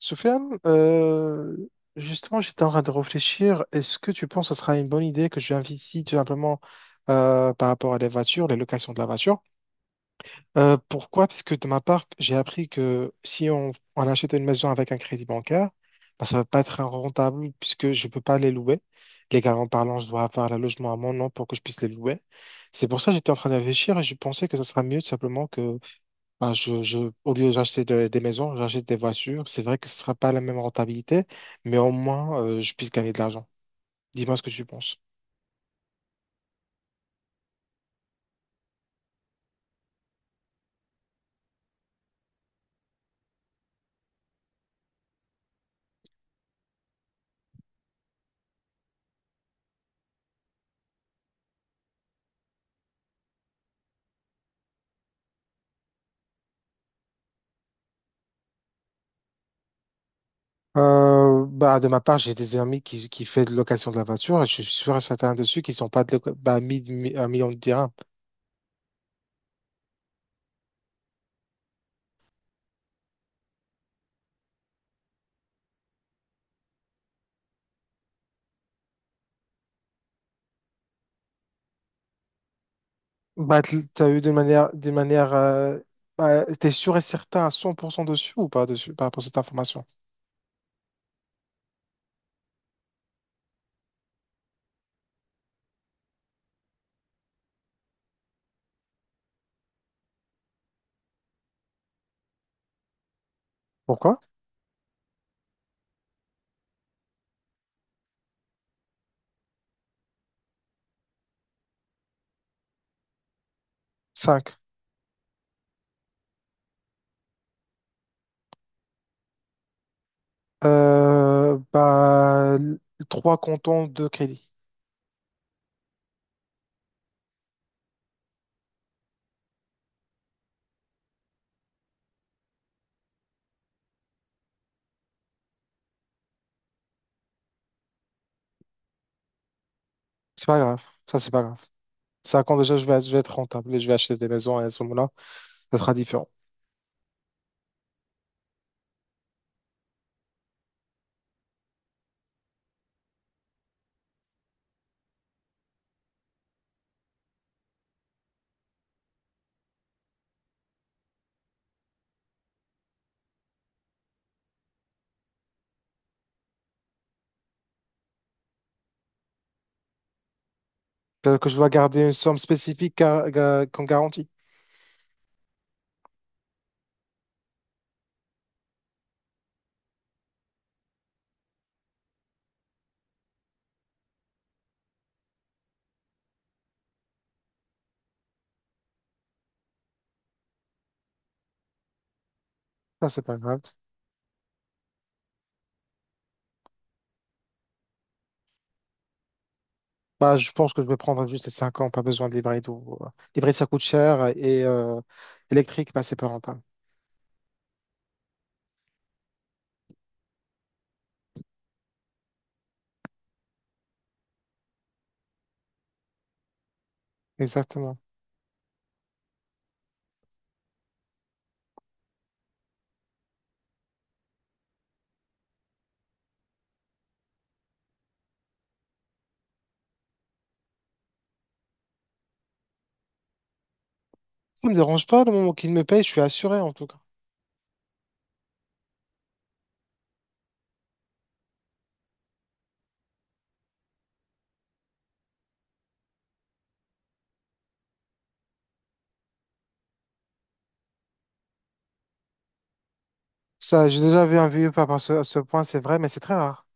Soufiane, justement, j'étais en train de réfléchir. Est-ce que tu penses que ce sera une bonne idée que je viens ici tout simplement par rapport à les voitures, les locations de la voiture? Pourquoi? Parce que de ma part, j'ai appris que si on achète une maison avec un crédit bancaire, bah, ça ne va pas être rentable puisque je ne peux pas les louer. Légalement parlant, je dois avoir le logement à mon nom pour que je puisse les louer. C'est pour ça que j'étais en train de réfléchir et je pensais que ce sera mieux tout simplement bah, au lieu d'acheter des maisons, j'achète des voitures. C'est vrai que ce sera pas la même rentabilité, mais au moins, je puisse gagner de l'argent. Dis-moi ce que tu penses. Bah, de ma part, j'ai des amis qui font de location de la voiture et je suis sûr et certain dessus qu'ils sont pas de, bah, 1 000 000 de dirhams. Bah, t'as eu bah, t'es sûr et certain à 100% dessus ou pas dessus par rapport à cette information? Pourquoi? Cinq. Bah, 3 cantons de crédit. C'est pas grave. Ça, c'est pas grave. Cinq ans déjà, je vais être rentable et je vais acheter des maisons et à ce moment-là, ça sera différent. Que je dois garder une somme spécifique qu'on garantit. Ça, c'est pas grave. Bah, je pense que je vais prendre juste les 5 ans, pas besoin d'hybride. Ou... L'hybride, ça coûte cher et électrique, bah, c'est pas rentable. Exactement. Ça me dérange pas, le moment qu'il me paye, je suis assuré en tout cas. Ça, j'ai déjà vu un vieux pas à ce, à ce point, c'est vrai, mais c'est très rare.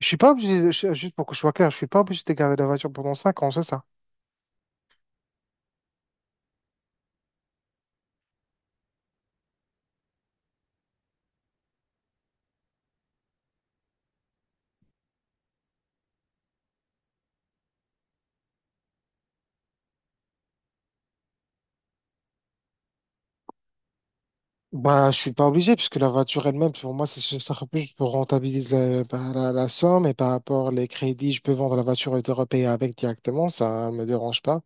Je suis pas obligé, juste pour que je sois clair, je suis pas obligé de garder la voiture pendant 5 ans, c'est ça? Bah, je suis pas obligé, puisque la voiture elle-même, pour moi, c'est ça sera plus pour rentabiliser bah, la somme et par rapport les crédits, je peux vendre la voiture et te repayer avec directement, ça me dérange pas.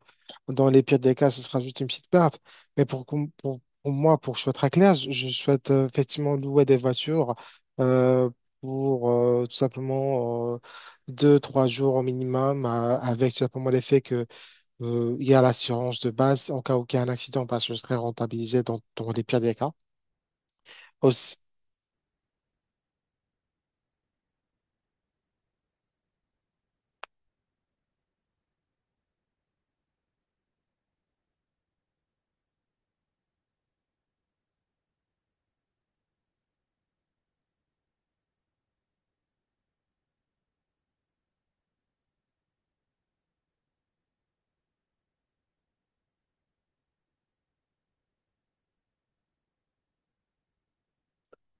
Dans les pires des cas, ce sera juste une petite perte. Mais pour, pour moi, pour que je sois très clair, je souhaite effectivement louer des voitures euh, pour tout simplement deux, trois jours au minimum, avec tout simplement l'effet que il y a l'assurance de base en cas où il y a un accident, parce que je serai rentabilisé dans les pires des cas. Aussi.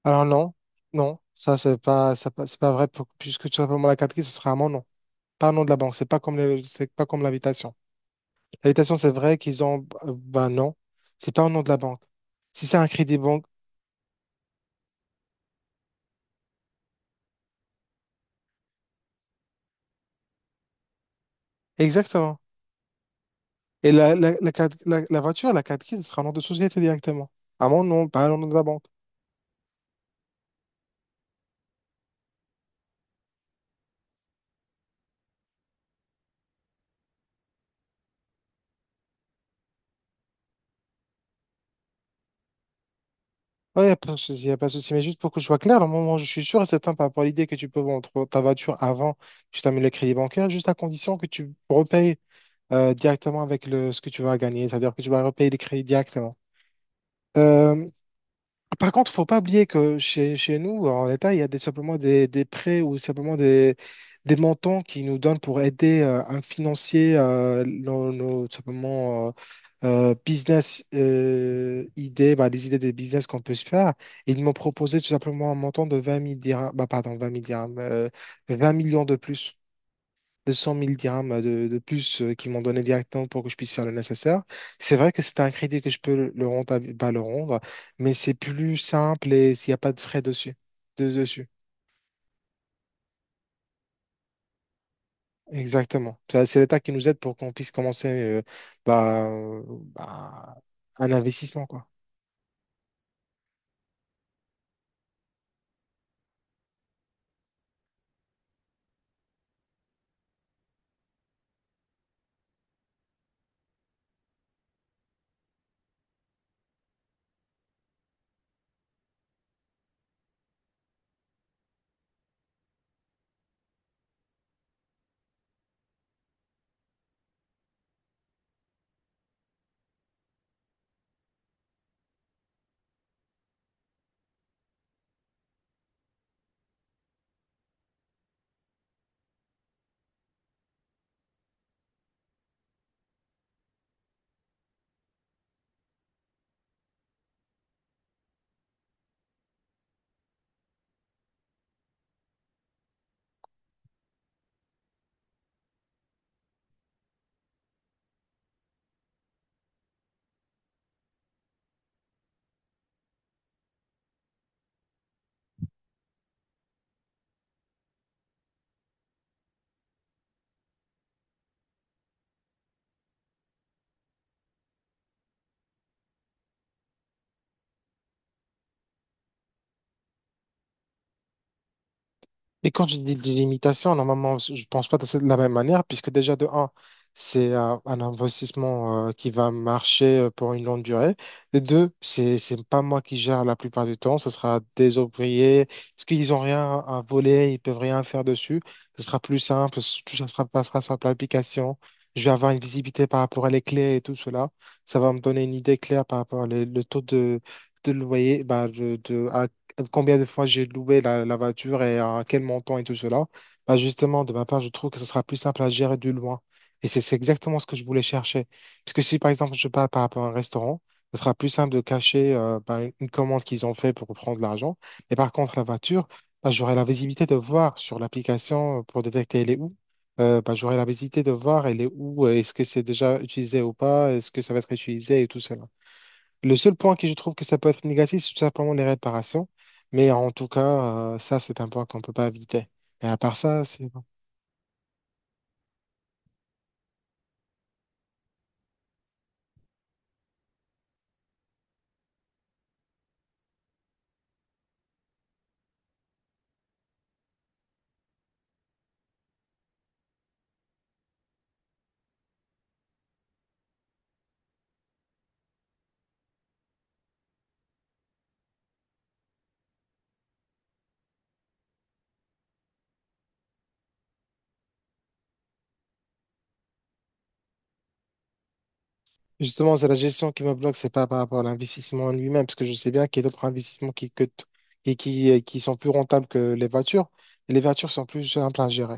Alors non, non, ça c'est pas, ça pas- c'est pas vrai, puisque tout simplement la catégorie, ce sera un nom, non. Pas un nom de la banque, c'est pas comme l'invitation. L'habitation c'est vrai qu'ils ont. Ben non, c'est pas au nom de la banque. Si c'est un crédit banque, exactement. Et la voiture, la carte grise sera au nom de société directement. À mon nom, pas au nom de la banque. Ouais, y a pas de souci, y a pas de souci. Mais juste pour que je sois clair, au moment où je suis sûr et certain par rapport à l'idée que tu peux vendre ta voiture avant que tu termines le crédit bancaire, juste à condition que tu repayes directement avec le, ce que tu vas gagner, c'est-à-dire que tu vas repayer les crédits directement. Euh, Par contre, faut pas oublier que chez nous, en l'État, il y a des prêts ou des montants qui nous donnent pour aider à financer nos, simplement, business idées, bah, les idées des business qu'on peut se faire. Et ils m'ont proposé tout simplement un montant de 20 000 dirhams, bah, pardon, 20 000 dirhams, 20 millions de plus 200 000 dirhams de plus qu'ils m'ont donné directement pour que je puisse faire le nécessaire. C'est vrai que c'est un crédit que je peux le pas le rendre, mais c'est plus simple et s'il n'y a pas de frais dessus. Dessus. Exactement. Ça, c'est l'État qui nous aide pour qu'on puisse commencer bah, euh, bah, un investissement, quoi. Mais quand je dis délimitation, normalement, je ne pense pas de la même manière, puisque déjà, de un, c'est un investissement qui va marcher pour une longue durée. De deux, c'est pas moi qui gère la plupart du temps, ce sera des ouvriers, parce qu'ils n'ont rien à voler, ils peuvent rien faire dessus. Ce sera plus simple, tout ça sera, passera sur l'application. Je vais avoir une visibilité par rapport à les clés et tout cela. Ça va me donner une idée claire par rapport au taux de loyer, combien de fois j'ai loué la voiture et à quel montant et tout cela. Bah justement, de ma part, je trouve que ce sera plus simple à gérer de loin. Et c'est exactement ce que je voulais chercher. Parce que si, par exemple, je pars par rapport à un restaurant, ce sera plus simple de cacher bah, une commande qu'ils ont fait pour prendre l'argent. Et par contre, la voiture, bah, j'aurai la visibilité de voir sur l'application pour détecter elle est où. Bah, j'aurai la visibilité de voir elle est où, est-ce que c'est déjà utilisé ou pas, est-ce que ça va être utilisé et tout cela. Le seul point que je trouve que ça peut être négatif, c'est tout simplement les réparations. Mais en tout cas, ça, c'est un point qu'on ne peut pas éviter. Et à part ça, c'est... bon. Justement, c'est la gestion qui me bloque, c'est pas par rapport à l'investissement en lui-même, parce que je sais bien qu'il y a d'autres investissements et qui sont plus rentables que les voitures, et les voitures sont plus simples à gérer.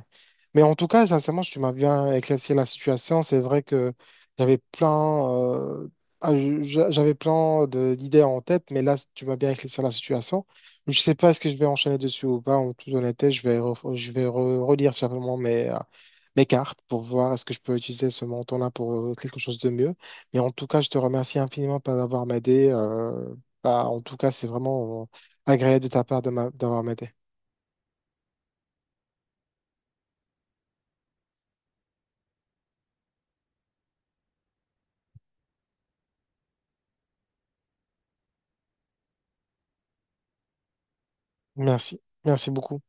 Mais en tout cas, sincèrement, tu m'as bien éclairci la situation. C'est vrai que j'avais plein, j'avais d'idées en tête, mais là, tu m'as bien éclairci la situation. Je sais pas est-ce que je vais enchaîner dessus ou pas. En toute honnêteté, je vais relire simplement mes, mes cartes pour voir est-ce que je peux utiliser ce montant-là pour quelque chose de mieux. Et en tout cas, je te remercie infiniment pour d'avoir m'aidé. En tout cas, c'est vraiment agréable de ta part de d'avoir m'aidé. Merci. Merci beaucoup.